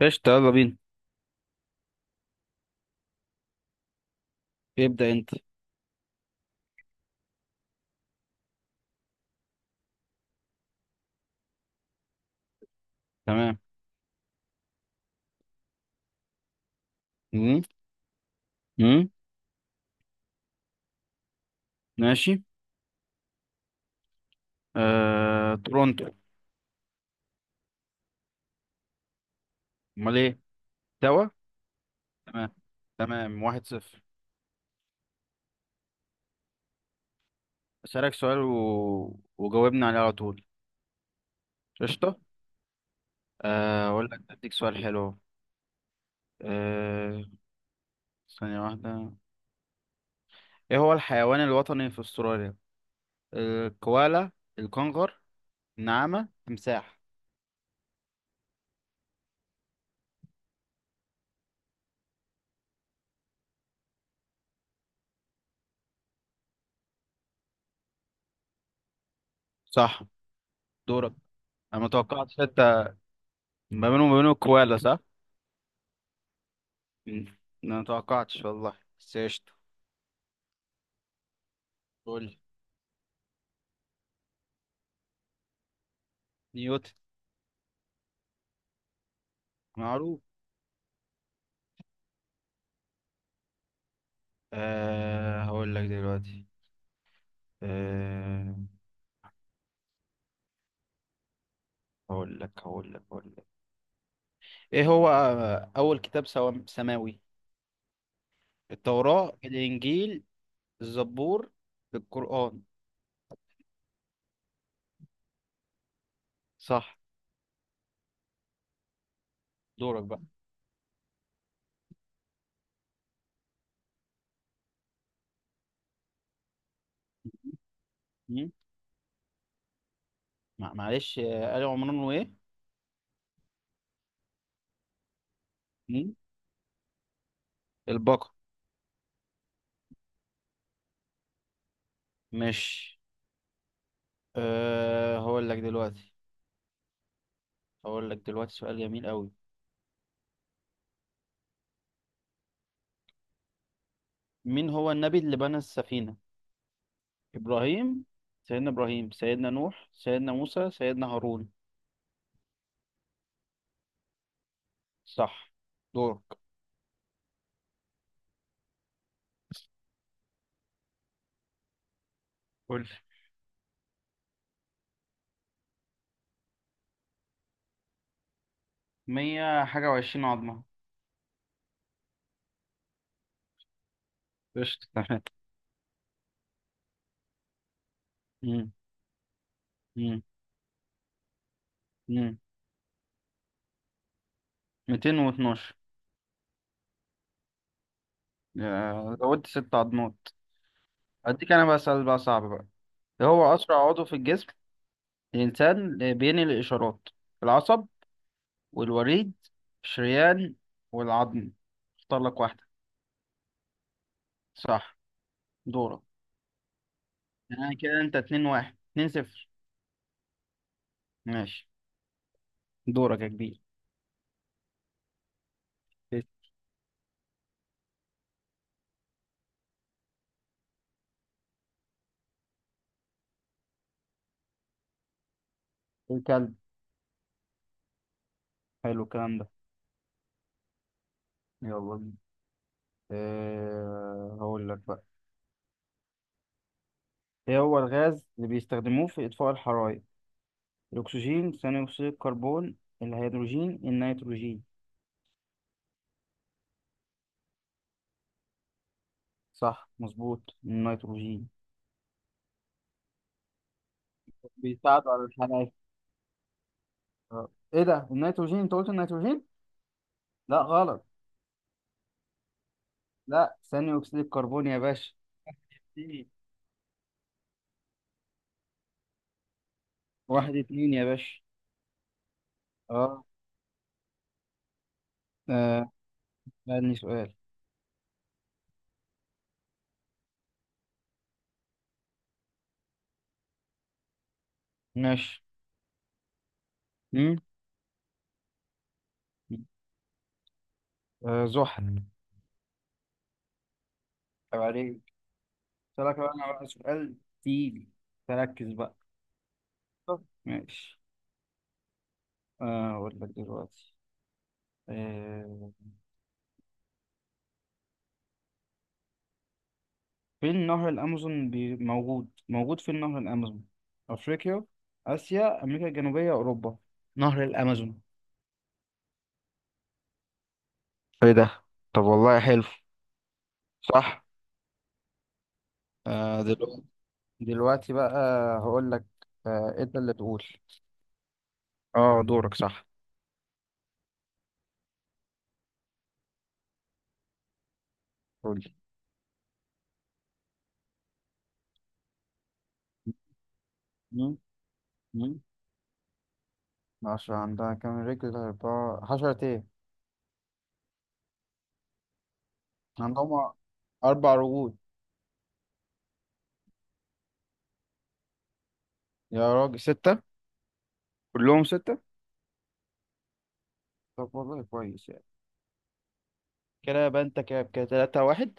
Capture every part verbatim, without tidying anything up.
قشطة، يلا بينا. ابدأ انت. تمام. مم. مم. ماشي. آه... تورونتو. امال ايه؟ توا. تمام. تمام واحد صفر. اسألك سؤال و... وجاوبني عليه على طول. قشطة. آه... اقول لك اديك سؤال حلو. آه... ثانية واحدة. ايه هو الحيوان الوطني في استراليا؟ الكوالا، الكنغر، النعامة، تمساح. صح. دورك. انا ما توقعتش حتى. ما بينهم وما بينه الكوالا صح؟ مم. انا ما توقعتش والله، بس قشطة. قول. نيوتن معروف. أه هقول لك دلوقتي. أه. هقول لك هقول لك هقول لك. ايه هو آه، اول كتاب سوا- سماوي؟ التوراة، الانجيل، الزبور، القرآن. صح. دورك بقى. مم؟ مع- معلش. آه، آل عمران وايه؟ مم؟ البقرة. ماشي. أه هقول لك دلوقتي. هقول لك دلوقتي سؤال جميل قوي. مين هو النبي اللي بنى السفينة؟ ابراهيم، سيدنا ابراهيم، سيدنا نوح، سيدنا موسى، سيدنا هارون. صح. دورك. قول لي. مية حاجة وعشرين عظمة. قشطة تمام. مم. مم. مم. ميتين واتناشر. يا- زودت ست عظمات. أديك أنا بقى سؤال بقى صعب بقى. إيه هو أسرع عضو في الجسم الإنسان بينقل الإشارات؟ العصب، والوريد، الشريان، والعظم. اختار لك واحدة. صح. دورك. يعني كده أنت اتنين واحد اتنين صفر. ماشي. دورك يا كبير. الكلب. حلو الكلام ده. يلا بينا. أه هقول لك. ايه هو الغاز اللي بيستخدموه في اطفاء الحرائق؟ الاكسجين، ثاني اكسيد الكربون، الهيدروجين، النيتروجين. صح مظبوط، النيتروجين. بيساعدوا على الحرق انا. آه. ايه ده، النيتروجين؟ انت قلت النيتروجين. لا غلط. لا، ثاني اكسيد الكربون يا باشا. إيه. واحد اتنين يا باشا. اه. آه، سألني سؤال. ماشي. مم؟ آه، زحل. طب عليك. سألك بقى انا بقى سؤال تقيل. تركز بقى. طب، ماشي. آه اقول لك دلوقتي. آه، في نهر الأمازون بي- موجود موجود في نهر الأمازون. أفريقيا، آسيا، أمريكا الجنوبية، أوروبا. نهر الأمازون. ايه ده، طب والله حلو. صح. آه دلوقتي. دلوقتي بقى هقول لك. آه، أنت اللي تقول. اه دورك صح. قولي. مم. مم. عشرة؟ عندها كام رجل؟ أربعة؟ حشرة إيه؟ عندهم أربع رجول. يا راجل ستة؟ كلهم ستة. طب والله كويس يعني. كده يبقى أنت كده كده تلاتة واحد.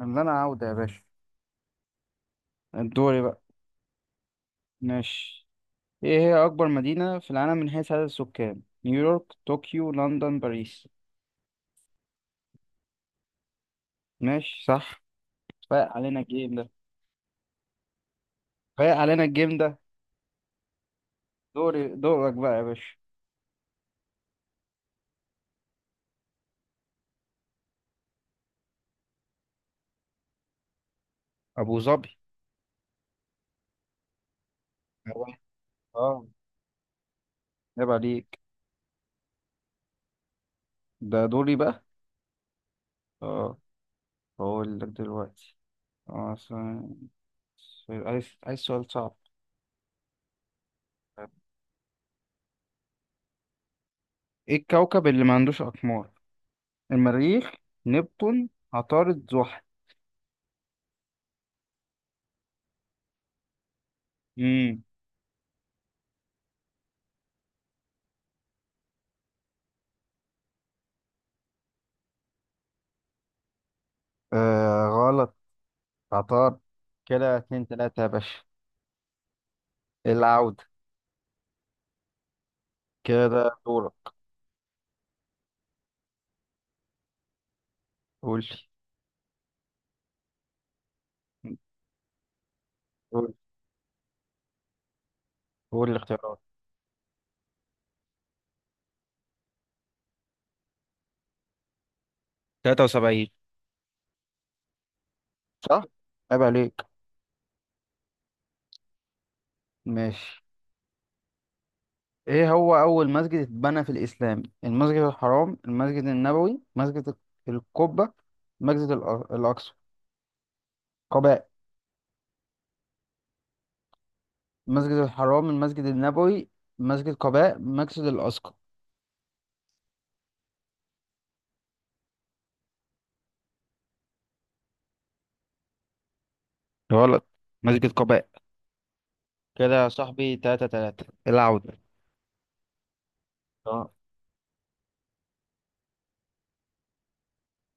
اللي انا عاوده يا باشا. دوري بقى. ماشي. ايه هي اكبر مدينة في العالم من حيث عدد السكان؟ نيويورك، طوكيو، لندن، باريس. ماشي صح. فايق علينا الجيم ده. فايق علينا الجيم ده دوري دورك بقى يا باشا. ابو ظبي. اه. آه، عيب عليك. ده دوري بقى. اه بقول لك دلوقتي. اه س- س- عايز عايز سؤال صعب. ايه الكوكب اللي ما عندوش اقمار؟ المريخ، نبتون، عطارد، زحل. امم. آه. عطار كده اتنين تلاتة يا باشا. العودة. كده دورك. قول لي. قول، قول الاختيارات. ثلاثة وسبعين. صح؟ عيب عليك. ماشي. ايه هو أول مسجد اتبنى في الإسلام؟ المسجد الحرام، المسجد النبوي، مسجد القبة، مسجد الأ- الأقصى. قباء. مسجد الحرام، المسجد النبوي، مسجد قباء، مسجد الأقصى. غلط. مسجد قباء. كده يا صاحبي تلاتة تلاتة، العودة. اه.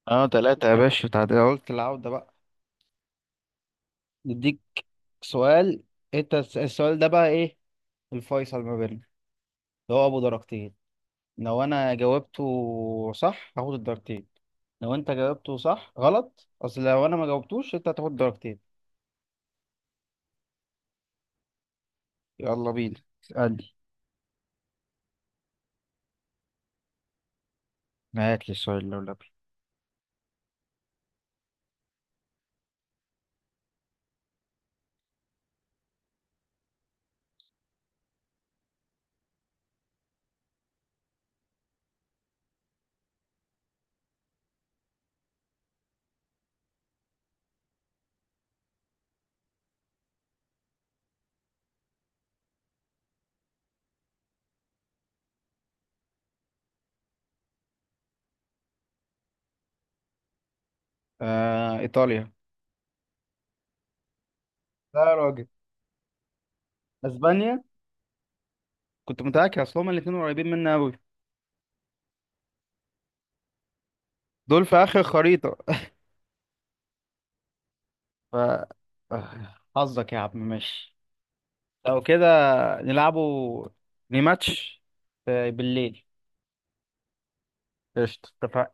اه تلاتة يا باشا تعادل، قلت العودة بقى. نديك سؤال. انت الس- السؤال ده بقى ايه؟ الفيصل ما بيننا اللي هو ابو درجتين. لو انا جاوبته صح هاخد الدرجتين. لو انت جاوبته صح غلط اصل لو انا ما جاوبتوش انت هتاخد درجتين. يلا بينا اسألني. هات لي السؤال لو لبي. آه ايطاليا. لا يا راجل. اسبانيا. كنت متأكد، اصل هما الاتنين قريبين مني قوي. دول في اخر خريطة. ف آه، حظك يا عم. ماشي. لو كده نلعبوا ريماتش. آه، بالليل. قشطة اتفقنا.